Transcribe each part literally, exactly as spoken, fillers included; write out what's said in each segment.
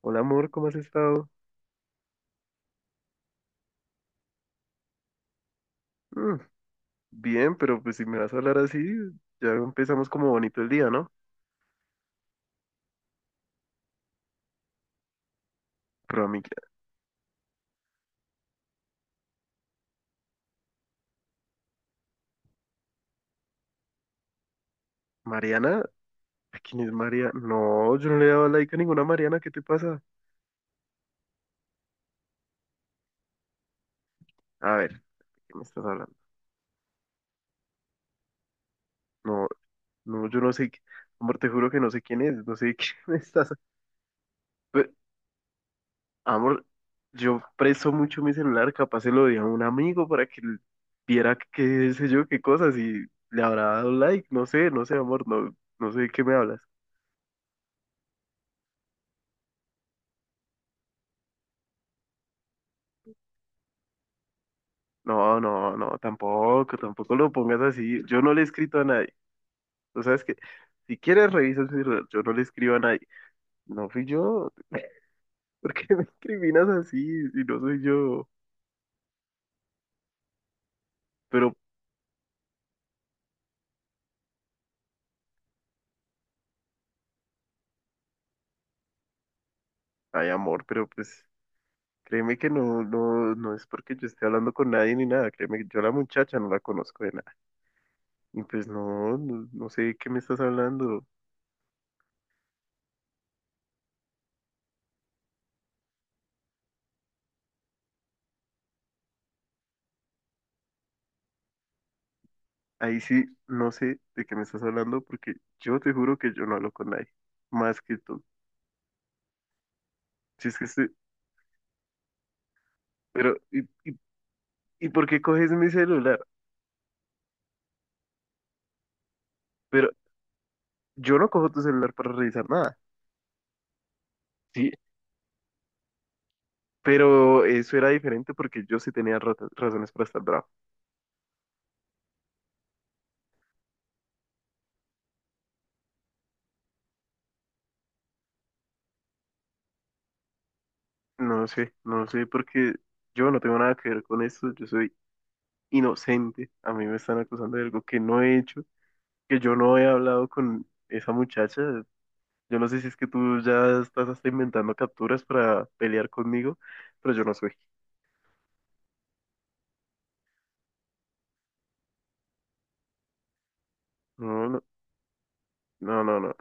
Hola amor, ¿cómo has estado? Mm, bien, pero pues si me vas a hablar así, ya empezamos como bonito el día, ¿no? Pero a mí, Mariana, ¿quién es María? No, yo no le he dado like a ninguna Mariana, ¿qué te pasa? A ver, ¿qué me estás hablando? No, no, yo no sé, qui- amor, te juro que no sé quién es, no sé de quién me estás. Pero, amor, yo presto mucho mi celular, capaz se lo di a un amigo para que l- viera qué sé yo, qué cosas y le habrá dado like, no sé, no sé, amor, no, no sé de qué me hablas. No, no, no, tampoco, tampoco lo pongas así. Yo no le he escrito a nadie. O sea, es que si quieres revisas mi celular, yo no le escribo a nadie. No fui yo. ¿Por qué me incriminas así si no soy yo? Pero, ay, amor, pero pues créeme que no, no, no es porque yo esté hablando con nadie ni nada. Créeme que yo a la muchacha no la conozco de nada. Y pues no, no, no sé de qué me estás hablando. Ahí sí, no sé de qué me estás hablando porque yo te juro que yo no hablo con nadie más que tú. Si es que estoy, pero, y, y ¿y por qué coges mi celular? Pero yo no cojo tu celular para revisar nada. Sí, pero eso era diferente porque yo sí tenía rata- razones para estar bravo. No sé, no sé, porque yo no tengo nada que ver con eso. Yo soy inocente. A mí me están acusando de algo que no he hecho, que yo no he hablado con esa muchacha. Yo no sé si es que tú ya estás hasta inventando capturas para pelear conmigo, pero yo no soy. No, no, no, no, no.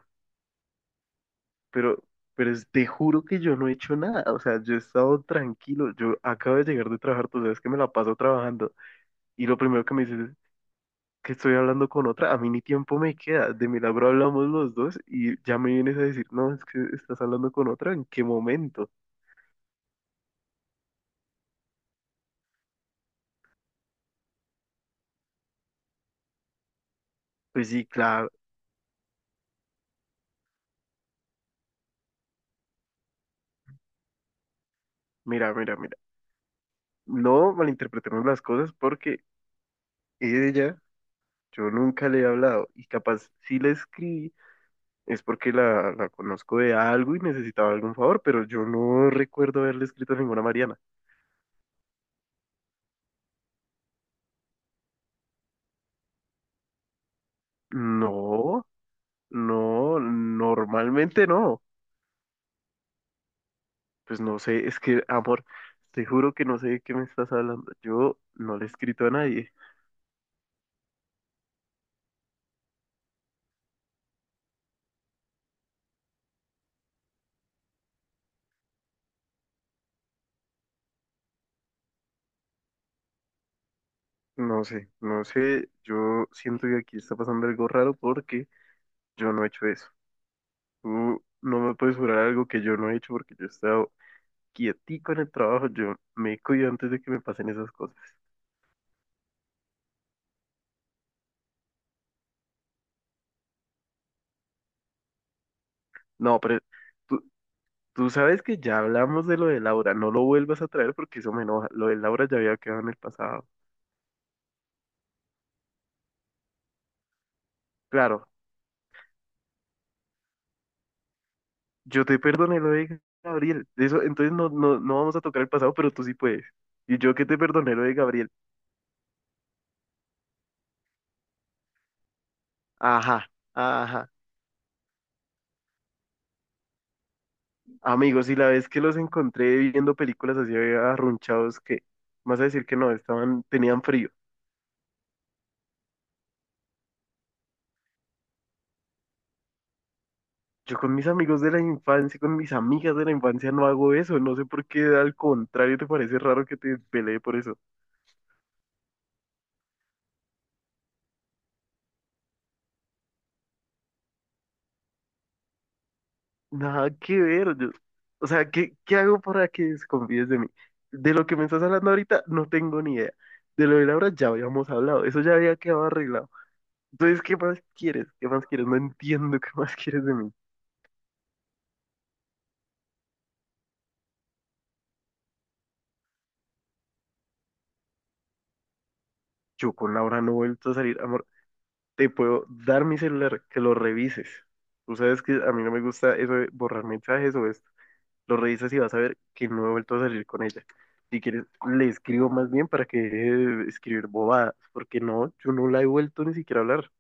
Pero, pero es- te juro que yo no he hecho nada, o sea, yo he estado tranquilo, yo acabo de llegar de trabajar, tú sabes que me la paso trabajando, y lo primero que me dices es que estoy hablando con otra, a mí ni tiempo me queda, de milagro hablamos los dos, y ya me vienes a decir, no, es que estás hablando con otra, ¿en qué momento? Pues sí, claro, mira, mira, mira, no malinterpretemos las cosas porque ella, yo nunca le he hablado, y capaz sí le escribí es porque la, la conozco de algo y necesitaba algún favor, pero yo no recuerdo haberle escrito a ninguna Mariana. No, no, normalmente no. Pues no sé, es que, amor, te juro que no sé de qué me estás hablando. Yo no le he escrito a nadie. No sé, no sé, yo siento que aquí está pasando algo raro porque yo no he hecho eso. Tú no me puedes jurar algo que yo no he hecho porque yo he estado quietico en el trabajo, yo me cuido antes de que me pasen esas cosas. No, pero... Tú, Tú sabes que ya hablamos de lo de Laura, no lo vuelvas a traer porque eso me enoja. Lo de Laura ya había quedado en el pasado. Claro, yo te perdoné lo de Gabriel. Eso, entonces no, no, no vamos a tocar el pasado, pero tú sí puedes. Y yo que te perdoné lo de Gabriel. Ajá, ajá. Amigos, y la vez que los encontré viendo películas así arrunchados, que vas a decir que no, estaban, tenían frío. Yo con mis amigos de la infancia, con mis amigas de la infancia no hago eso. No sé por qué, al contrario, te parece raro que te peleé por eso. Nada que ver. Yo- o sea, ¿qué, qué hago para que desconfíes de mí? De lo que me estás hablando ahorita, no tengo ni idea. De lo de Laura ya habíamos hablado. Eso ya había quedado arreglado. Entonces, ¿qué más quieres? ¿Qué más quieres? No entiendo qué más quieres de mí. Yo con Laura no he vuelto a salir, amor. Te puedo dar mi celular, que lo revises. Tú sabes que a mí no me gusta eso de borrar mensajes o esto. Lo revisas y vas a ver que no he vuelto a salir con ella. Si quieres, le escribo más bien para que deje de escribir bobadas, porque no, yo no la he vuelto ni siquiera a hablar.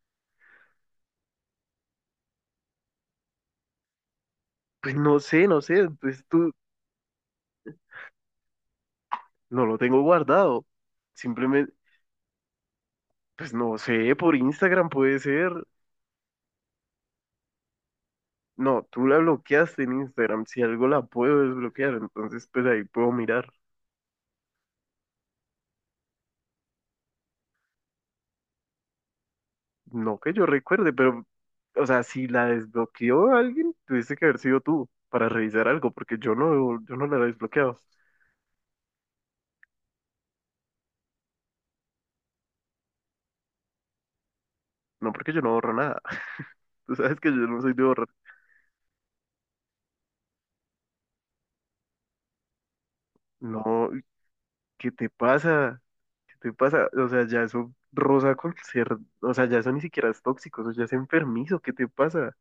Pues no sé, no sé, pues tú, no lo tengo guardado. Simplemente, pues no sé, por Instagram puede ser. No, tú la bloqueaste en Instagram, si algo la puedo desbloquear, entonces pues ahí puedo mirar. No que yo recuerde, pero, o sea, si la desbloqueó alguien, tuviste que haber sido tú para revisar algo, porque yo no, yo no la he desbloqueado. No porque yo no borro nada. Tú sabes que yo no soy de borrar. No, ¿qué te pasa? ¿Qué te pasa? O sea, ya eso rosa con ser, o sea, ya eso ni siquiera es tóxico, eso ya es enfermizo, ¿qué te pasa?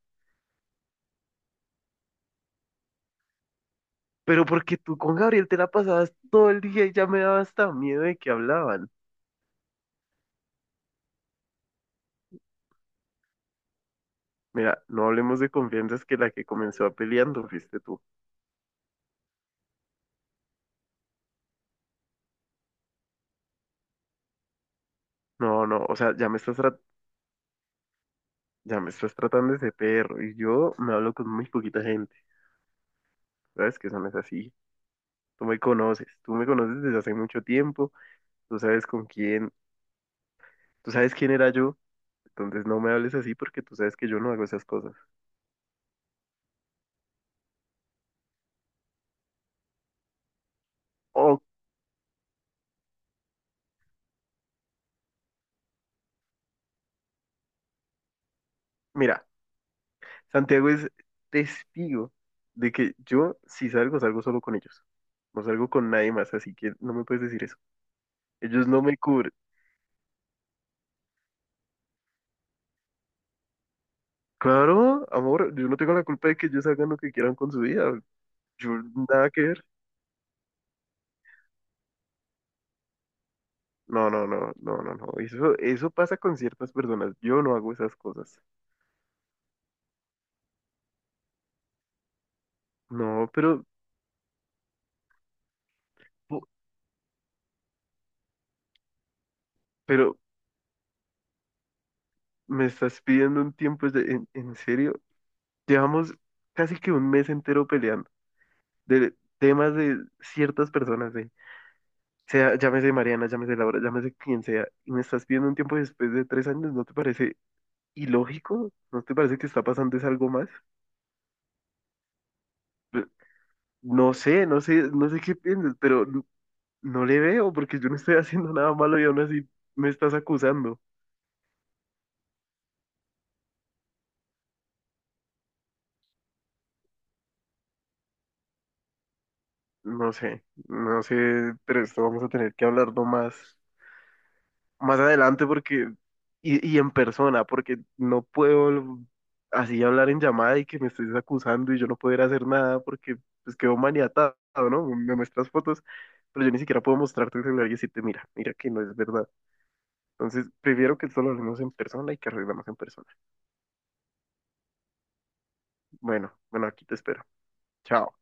Pero porque tú con Gabriel te la pasabas todo el día y ya me daba hasta miedo de que hablaban. Mira, no hablemos de confianzas que la que comenzó peleando fuiste tú. No, no, o sea, ya me estás tra- ya me estás tratando de ese perro y yo me hablo con muy poquita gente. Sabes que eso no es así. Tú me conoces, tú me conoces desde hace mucho tiempo. Tú sabes con quién, tú sabes quién era yo, entonces no me hables así porque tú sabes que yo no hago esas cosas. O, mira, Santiago es testigo de que yo si salgo, salgo solo con ellos. No salgo con nadie más, así que no me puedes decir eso. Ellos no me cubren. Claro, amor, yo no tengo la culpa de que ellos hagan lo que quieran con su vida. Yo nada que ver. No, no, no, no, no, no. Eso, eso pasa con ciertas personas. Yo no hago esas cosas. No, pero, po- pero me estás pidiendo un tiempo de- en, en serio. Llevamos casi que un mes entero peleando de temas de ciertas personas, ¿eh? Sea, llámese Mariana, llámese Laura, llámese quien sea, y me estás pidiendo un tiempo después de tres años, ¿no te parece ilógico? ¿No te parece que está pasando es algo más? Pe- No sé, no sé, no sé qué piensas, pero n- no le veo porque yo no estoy haciendo nada malo y aún así me estás acusando. No sé, no sé, pero esto vamos a tener que hablarlo más más adelante porque, y, y en persona, porque no puedo así hablar en llamada y que me estés acusando y yo no poder hacer nada porque pues quedo maniatado, ¿no? Me muestras fotos, pero yo ni siquiera puedo mostrarte el celular y decirte, mira, mira que no es verdad. Entonces, prefiero que solo hablemos en persona y que arreglemos en persona. Bueno, bueno, aquí te espero. Chao.